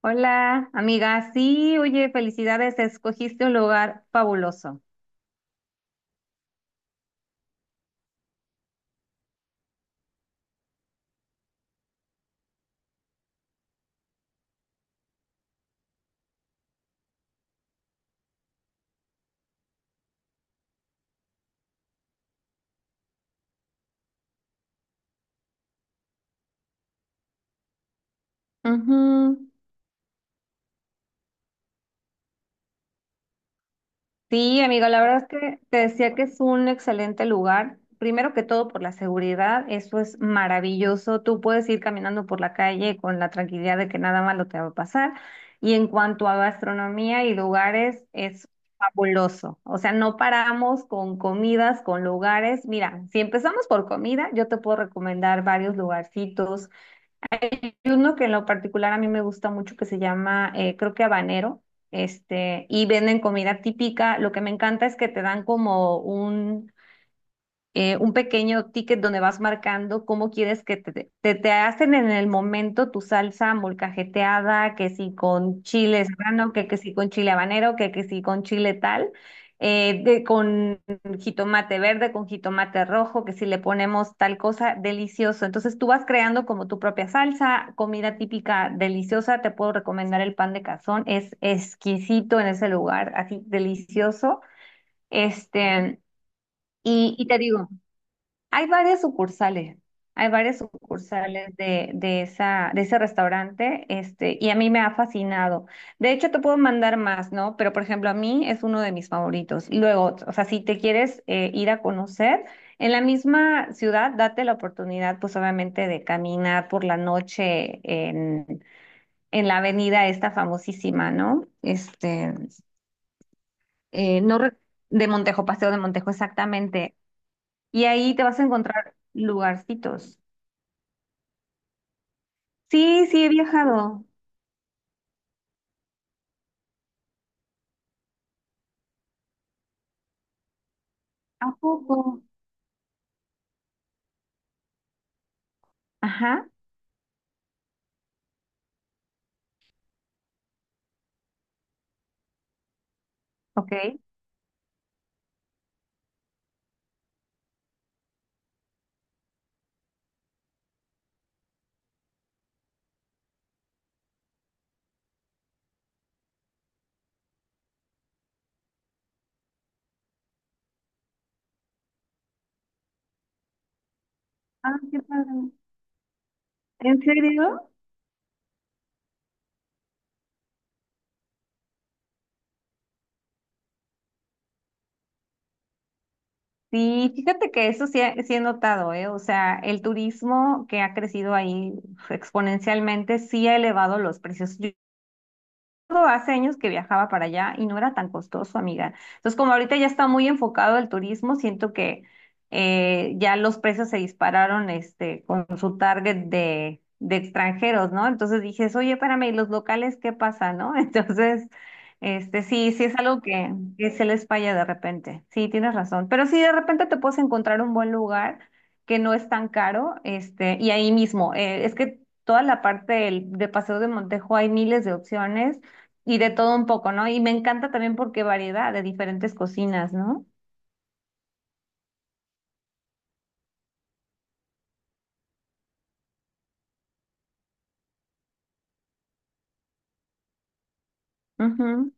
Hola, amiga. Sí, oye, felicidades, escogiste un lugar fabuloso. Ujú. Sí, amiga, la verdad es que te decía que es un excelente lugar. Primero que todo por la seguridad, eso es maravilloso. Tú puedes ir caminando por la calle con la tranquilidad de que nada malo te va a pasar. Y en cuanto a gastronomía y lugares, es fabuloso. O sea, no paramos con comidas, con lugares. Mira, si empezamos por comida, yo te puedo recomendar varios lugarcitos. Uno que en lo particular a mí me gusta mucho que se llama, creo que habanero, y venden comida típica. Lo que me encanta es que te dan como un pequeño ticket donde vas marcando cómo quieres que te hacen en el momento tu salsa molcajeteada, que si con chile serrano, que si con chile habanero, que si con chile tal, con jitomate verde, con jitomate rojo, que si le ponemos tal cosa, delicioso. Entonces tú vas creando como tu propia salsa, comida típica deliciosa. Te puedo recomendar el pan de cazón, es exquisito en ese lugar, así delicioso. Este, y te digo, hay varias sucursales, hay varias sucursales de esa, de ese restaurante, y a mí me ha fascinado. De hecho, te puedo mandar más, ¿no? Pero, por ejemplo, a mí es uno de mis favoritos. Y luego, o sea, si te quieres ir a conocer, en la misma ciudad, date la oportunidad, pues obviamente, de caminar por la noche en la avenida esta famosísima, ¿no? Eh, no re- de Montejo, Paseo de Montejo, exactamente. Y ahí te vas a encontrar lugarcitos. Sí, sí, he viajado. ¿A poco? Ajá, ok. Ah, qué padre. ¿En serio? Sí, fíjate que eso sí, sí he notado, ¿eh? O sea, el turismo que ha crecido ahí uf, exponencialmente sí ha elevado los precios. Hace años que viajaba para allá y no era tan costoso, amiga. Entonces, como ahorita ya está muy enfocado el turismo, siento que ya los precios se dispararon, con su target de extranjeros, ¿no? Entonces dije, oye, espérame, ¿y los locales qué pasa, no? Entonces, sí, sí es algo que se les falla de repente. Sí, tienes razón. Pero sí, de repente te puedes encontrar un buen lugar que no es tan caro, y ahí mismo, es que toda la parte de Paseo de Montejo hay miles de opciones y de todo un poco, ¿no? Y me encanta también porque variedad de diferentes cocinas, ¿no? Ujú,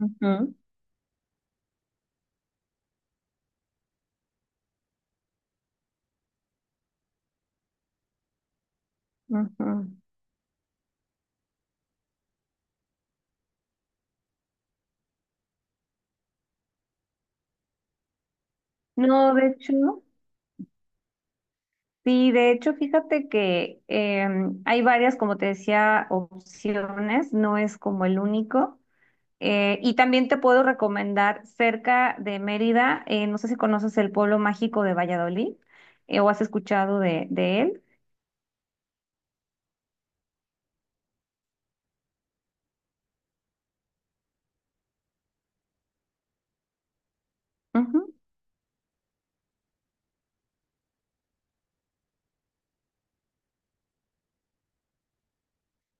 ujú, ujú. No, de hecho, sí, de hecho, fíjate que hay varias, como te decía, opciones, no es como el único. Y también te puedo recomendar cerca de Mérida, no sé si conoces el pueblo mágico de Valladolid, o has escuchado de él. Ujú.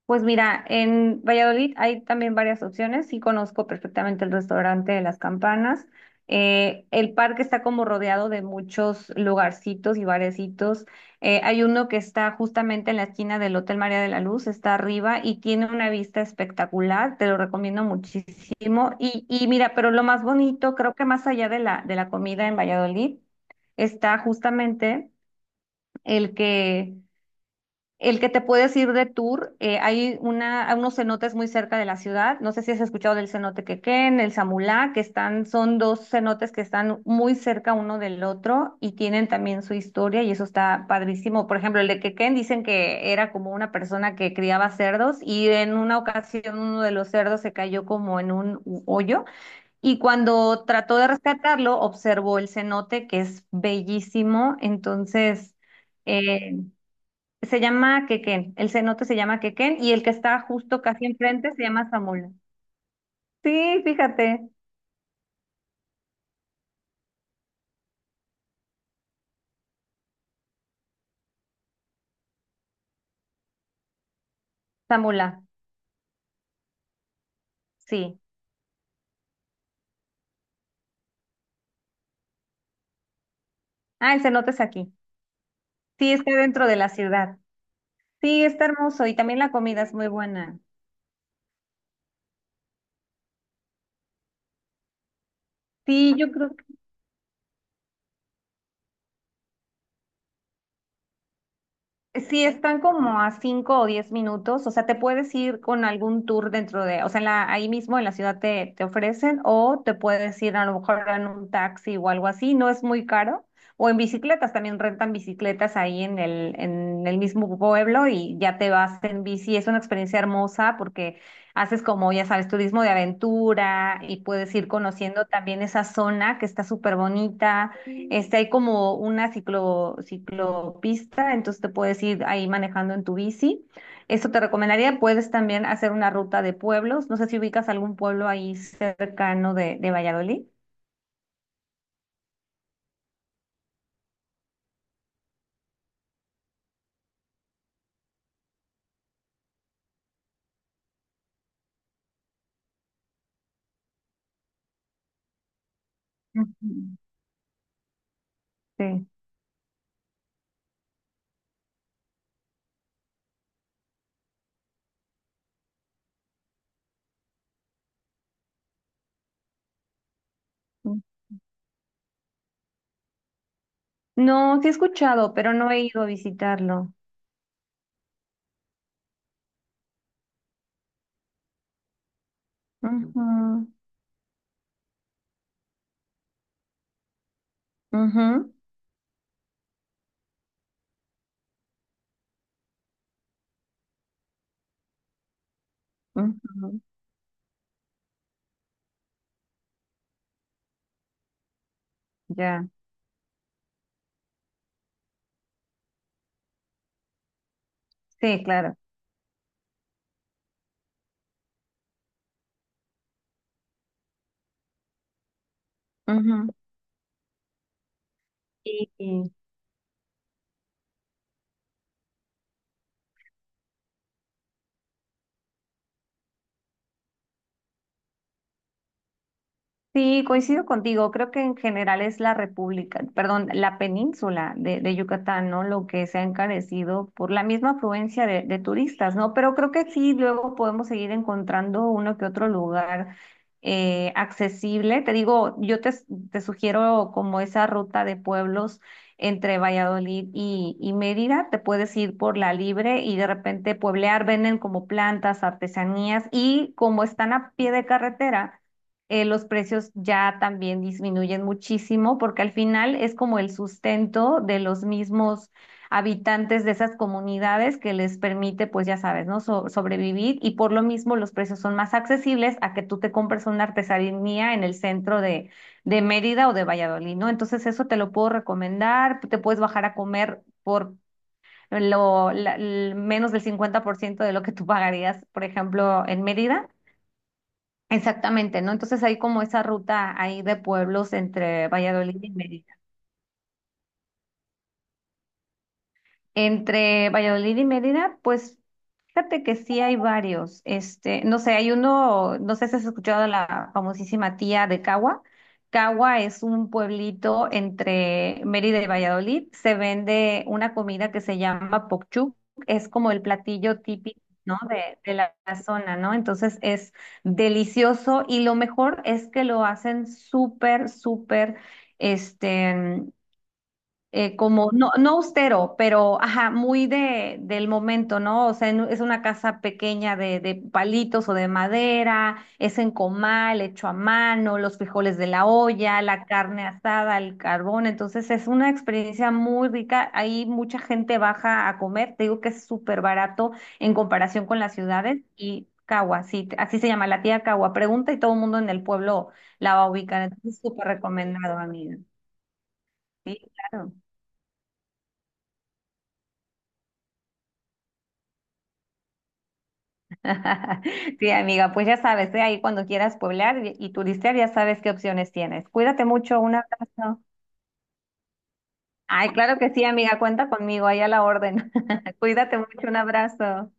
Pues mira, en Valladolid hay también varias opciones. Sí conozco perfectamente el restaurante de Las Campanas. El parque está como rodeado de muchos lugarcitos y barecitos. Hay uno que está justamente en la esquina del Hotel María de la Luz, está arriba y tiene una vista espectacular. Te lo recomiendo muchísimo. Y mira, pero lo más bonito, creo que más allá de la comida en Valladolid, está justamente el que el que te puedes ir de tour, hay una, hay unos cenotes muy cerca de la ciudad. No sé si has escuchado del cenote Quequén, el Samulá, que están, son dos cenotes que están muy cerca uno del otro y tienen también su historia y eso está padrísimo. Por ejemplo, el de Quequén dicen que era como una persona que criaba cerdos y en una ocasión uno de los cerdos se cayó como en un hoyo y cuando trató de rescatarlo observó el cenote que es bellísimo. Entonces... eh, se llama Quequén, el cenote se llama Quequén y el que está justo casi enfrente se llama Zamula. Sí, fíjate, Zamula, sí. Ah, el cenote es aquí. Sí, está dentro de la ciudad. Sí, está hermoso y también la comida es muy buena. Sí, yo creo sí, están como a 5 o 10 minutos, o sea, te puedes ir con algún tour dentro de, o sea, en la, ahí mismo en la ciudad te ofrecen o te puedes ir a lo mejor en un taxi o algo así, no es muy caro, o en bicicletas, también rentan bicicletas ahí en el mismo pueblo y ya te vas en bici, es una experiencia hermosa porque haces como, ya sabes, turismo de aventura y puedes ir conociendo también esa zona que está súper bonita. Hay como una ciclopista, entonces te puedes ir ahí manejando en tu bici. Eso te recomendaría. Puedes también hacer una ruta de pueblos. No sé si ubicas algún pueblo ahí cercano de Valladolid. Ujú. Sí. Mm. No, sí he escuchado, pero no he ido a visitarlo. Ujú, ujú, ujú, ya, sí, claro. Ujú. Y, Sí, coincido contigo. Creo que en general es la República, perdón, la península de Yucatán, ¿no? Lo que se ha encarecido por la misma afluencia de turistas, ¿no? Pero creo que sí, luego podemos seguir encontrando uno que otro lugar accesible. Te digo, te sugiero como esa ruta de pueblos entre Valladolid y Mérida. Te puedes ir por la libre y de repente pueblear, venden como plantas, artesanías y como están a pie de carretera, los precios ya también disminuyen muchísimo porque al final es como el sustento de los mismos habitantes de esas comunidades que les permite, pues ya sabes, ¿no? Sobrevivir y por lo mismo los precios son más accesibles a que tú te compres una artesanía en el centro de Mérida o de Valladolid, ¿no? Entonces eso te lo puedo recomendar, te puedes bajar a comer por... menos del 50% de lo que tú pagarías, por ejemplo, en Mérida. Exactamente, ¿no? Entonces hay como esa ruta ahí de pueblos entre Valladolid y Medellín. Entre Valladolid y Mérida, pues fíjate que sí hay varios. No sé, hay uno, no sé si has escuchado la famosísima tía de Cagua. Cagua es un pueblito entre Mérida y Valladolid. Se vende una comida que se llama pokchuk. Es como el platillo típico, ¿no? De la, la zona, ¿no? Entonces es delicioso y lo mejor es que lo hacen súper, súper, este, como, no, no austero, pero, ajá, muy de, del momento, ¿no? O sea, es una casa pequeña de palitos o de madera, es en comal, hecho a mano, los frijoles de la olla, la carne asada, el carbón, entonces es una experiencia muy rica, ahí mucha gente baja a comer, te digo que es súper barato en comparación con las ciudades y... Cagua, sí, así se llama la tía Cagua. Pregunta y todo el mundo en el pueblo la va a ubicar. Entonces, es súper recomendado, amiga. Sí, claro. Sí, amiga, pues ya sabes, ¿eh? Ahí cuando quieras pueblar y turistear, ya sabes qué opciones tienes. Cuídate mucho, un abrazo. Ay, claro que sí, amiga, cuenta conmigo, ahí a la orden. Cuídate mucho, un abrazo.